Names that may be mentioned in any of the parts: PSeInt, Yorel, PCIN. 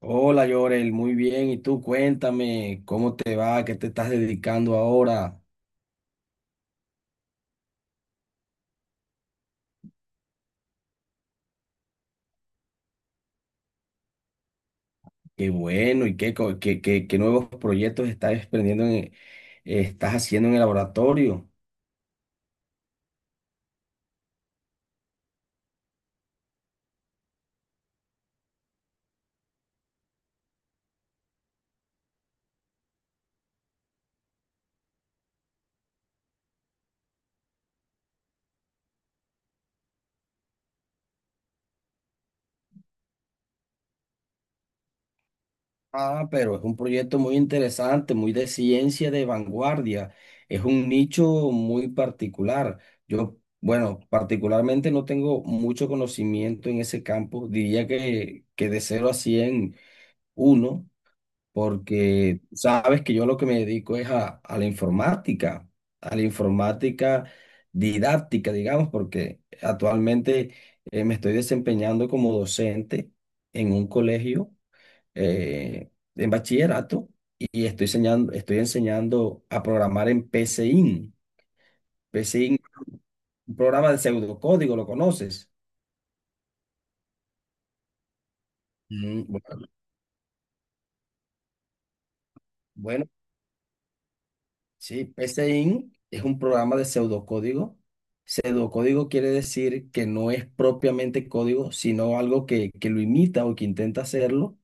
Hola, Yorel, muy bien. ¿Y tú cuéntame cómo te va? ¿Qué te estás dedicando ahora? Qué bueno y qué, co- qué, qué, qué nuevos proyectos estás emprendiendo estás haciendo en el laboratorio. Ah, pero es un proyecto muy interesante, muy de ciencia de vanguardia. Es un nicho muy particular. Yo, bueno, particularmente no tengo mucho conocimiento en ese campo. Diría que de cero a 100 uno, porque sabes que yo lo que me dedico es a la informática didáctica, digamos, porque actualmente me estoy desempeñando como docente en un colegio, eh, en bachillerato y estoy enseñando a programar en PCIN. PCIN, un programa de pseudocódigo, ¿lo conoces? Mm, bueno, sí, PSeInt es un programa de pseudocódigo. Pseudocódigo quiere decir que no es propiamente código, sino algo que lo imita o que intenta hacerlo,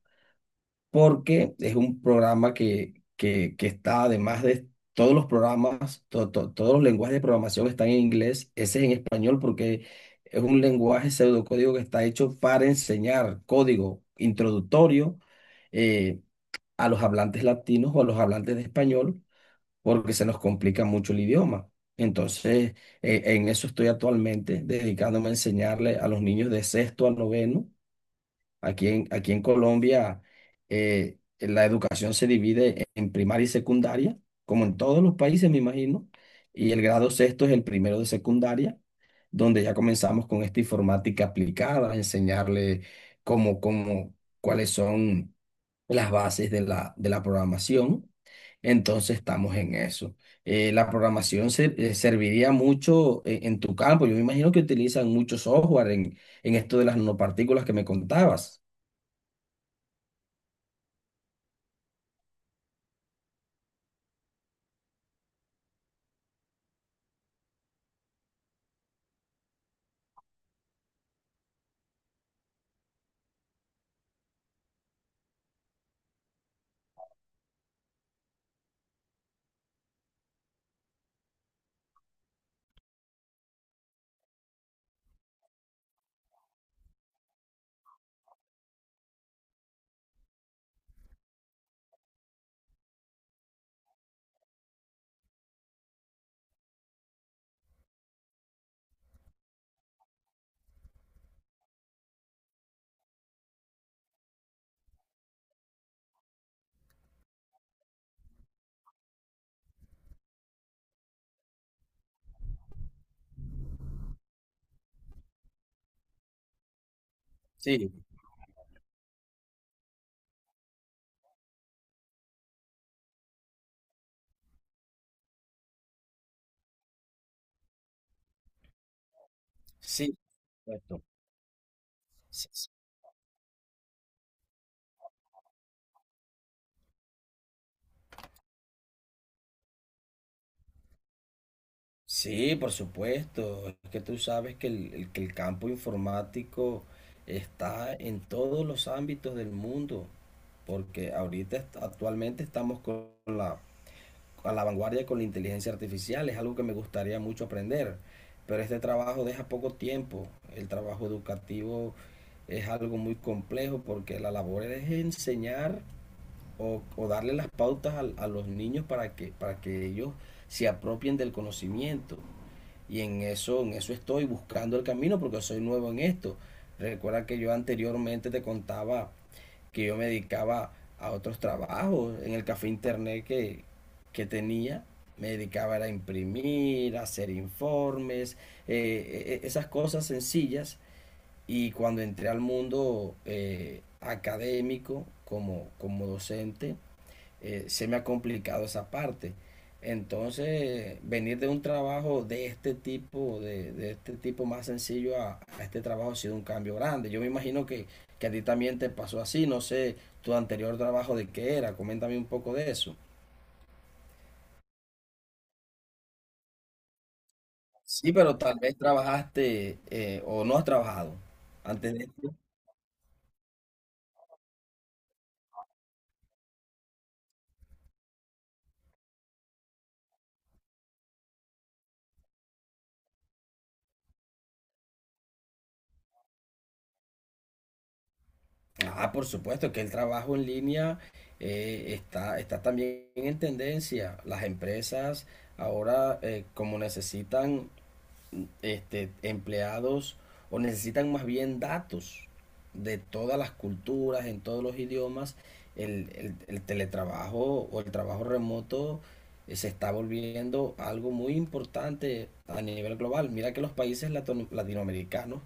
porque es un programa que está, además de todos los programas, todos los lenguajes de programación están en inglés, ese es en español porque es un lenguaje pseudocódigo que está hecho para enseñar código introductorio eh, a los hablantes latinos o a los hablantes de español porque se nos complica mucho el idioma. Entonces, en eso estoy actualmente dedicándome a enseñarle a los niños de sexto a noveno. Aquí en Colombia la educación se divide en primaria y secundaria, como en todos los países, me imagino, y el grado sexto es el primero de secundaria, donde ya comenzamos con esta informática aplicada, enseñarle cómo, cómo, cuáles son las bases de de la programación. Entonces estamos en eso. Serviría mucho en tu campo. Yo me imagino que utilizan mucho software en esto de las nanopartículas que me contabas. Sí, sí, correcto. Sí, sí. Sí, por supuesto. Es que tú sabes que que el campo informático está en todos los ámbitos del mundo, porque actualmente estamos con a la vanguardia con la inteligencia artificial. Es algo que me gustaría mucho aprender, pero este trabajo deja poco tiempo. El trabajo educativo es algo muy complejo porque la labor es enseñar o darle las pautas los niños para para que ellos se apropien del conocimiento. Y en eso estoy buscando el camino porque soy nuevo en esto. Recuerda que yo anteriormente te contaba que yo me dedicaba a otros trabajos en el café internet que tenía. Me dedicaba a imprimir, a hacer informes, esas cosas sencillas. Y cuando entré al mundo académico como docente, se me ha complicado esa parte. Entonces, venir de un trabajo de este tipo, de este tipo más sencillo a este trabajo ha sido un cambio grande. Yo me imagino que a ti también te pasó así, no sé, tu anterior trabajo de qué era, coméntame un poco de eso. Sí, pero tal vez trabajaste, o no has trabajado antes de esto. Ah, por supuesto que el trabajo en línea está también en tendencia. Las empresas ahora, como necesitan, este, empleados o necesitan más bien datos de todas las culturas, en todos los idiomas, el teletrabajo o el trabajo remoto, se está volviendo algo muy importante a nivel global. Mira que los países latinoamericanos,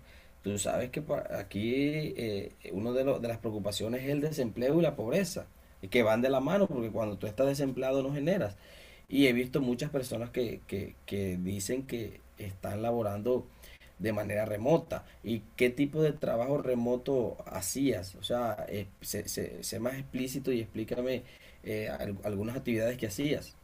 tú sabes que pa- aquí uno de las preocupaciones es el desempleo y la pobreza, y que van de la mano porque cuando tú estás desempleado no generas. Y he visto muchas personas que dicen que están laborando de manera remota. ¿Y qué tipo de trabajo remoto hacías? O sea, sé más explícito y explícame algunas actividades que hacías.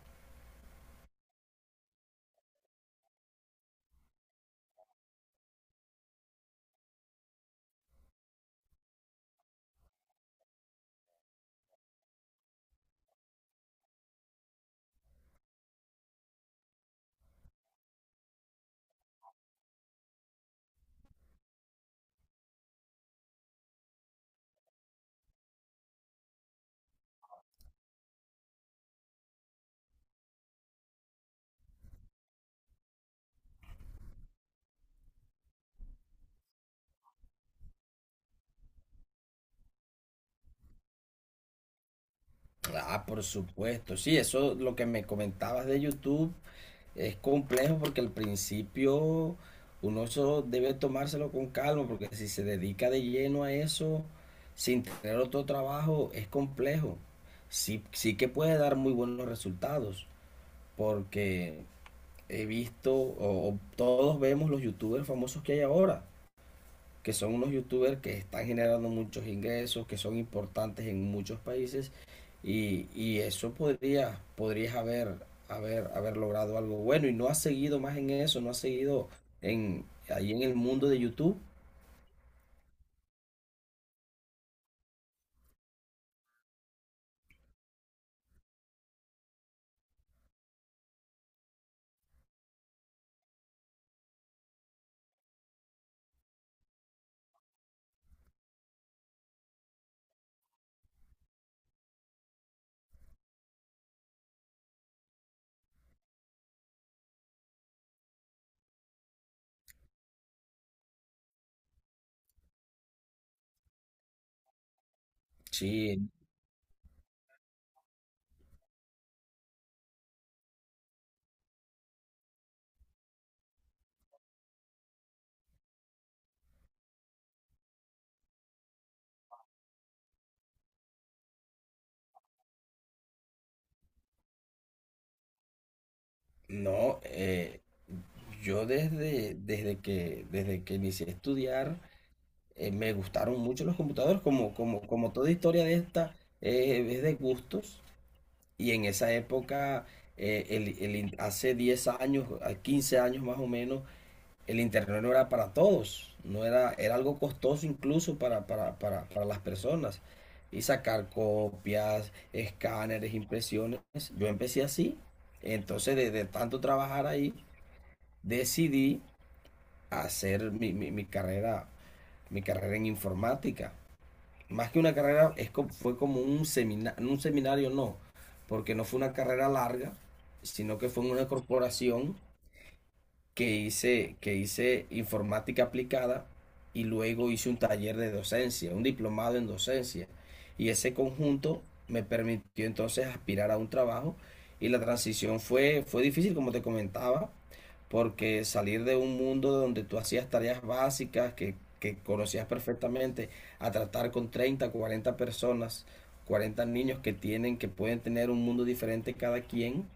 Ah, por supuesto, sí, eso lo que me comentabas de YouTube es complejo porque al principio uno eso debe tomárselo con calma, porque si se dedica de lleno a eso, sin tener otro trabajo, es complejo. Sí, sí que puede dar muy buenos resultados, porque he visto, o todos vemos los youtubers famosos que hay ahora, que son unos youtubers que están generando muchos ingresos, que son importantes en muchos países y eso podría, podrías haber logrado algo bueno y no has seguido más en eso, no has seguido ahí en el mundo de YouTube. Sí, no, yo desde que inicié a estudiar, me gustaron mucho los computadores, como toda historia de esta, es de gustos. Y en esa época, hace 10 años, a 15 años más o menos, el internet no era para todos, no era, era algo costoso incluso para las personas. Y sacar copias, escáneres, impresiones. Yo empecé así. Entonces, de tanto trabajar ahí, decidí hacer mi carrera en informática. Más que una carrera, es como, fue como un seminario no, porque no fue una carrera larga, sino que fue en una corporación que hice informática aplicada y luego hice un taller de docencia, un diplomado en docencia. Y ese conjunto me permitió entonces aspirar a un trabajo y la transición fue, fue difícil, como te comentaba, porque salir de un mundo donde tú hacías tareas básicas que conocías perfectamente a tratar con 30, 40 personas, 40 niños que tienen, que pueden tener un mundo diferente cada quien,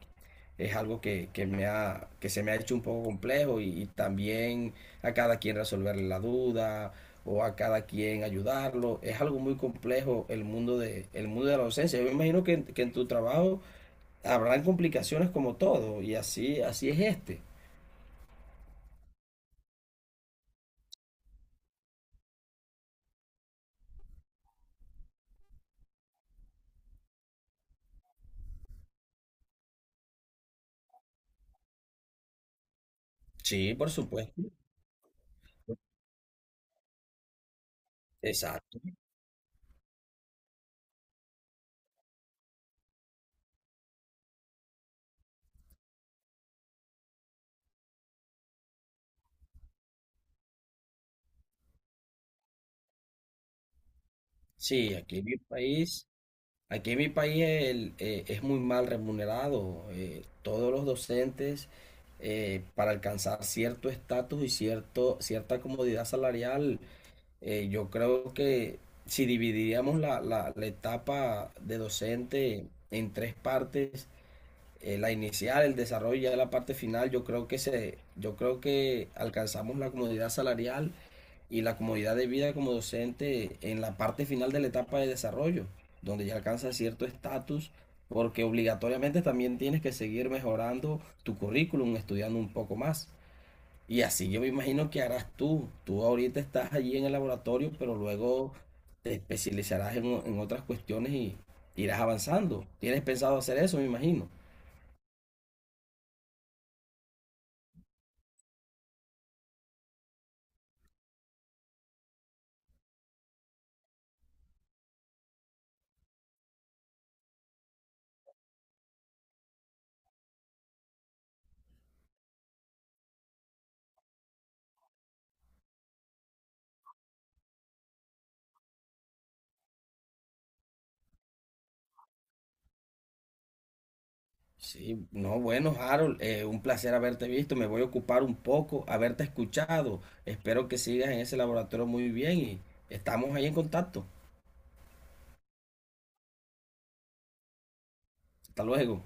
es algo que se me ha hecho un poco complejo y también a cada quien resolverle la duda o a cada quien ayudarlo. Es algo muy complejo el mundo de la docencia. Yo me imagino que, que en tu trabajo habrán complicaciones como todo y así, así es este. Sí, por supuesto. Exacto. Sí, Aquí en mi país es muy mal remunerado. Todos los docentes, para alcanzar cierto estatus y cierta comodidad salarial, yo creo que si dividiríamos la etapa de docente en tres partes, la inicial, el desarrollo y ya la parte final, yo creo yo creo que alcanzamos la comodidad salarial y la comodidad de vida como docente en la parte final de la etapa de desarrollo, donde ya alcanzas cierto estatus, porque obligatoriamente también tienes que seguir mejorando tu currículum, estudiando un poco más. Y así yo me imagino que harás tú. Tú ahorita estás allí en el laboratorio, pero luego te especializarás en otras cuestiones y irás avanzando. ¿Tienes pensado hacer eso, me imagino? Sí, no, bueno, Harold, un placer haberte visto. Me voy a ocupar un poco, haberte escuchado. Espero que sigas en ese laboratorio muy bien y estamos ahí en contacto. Hasta luego.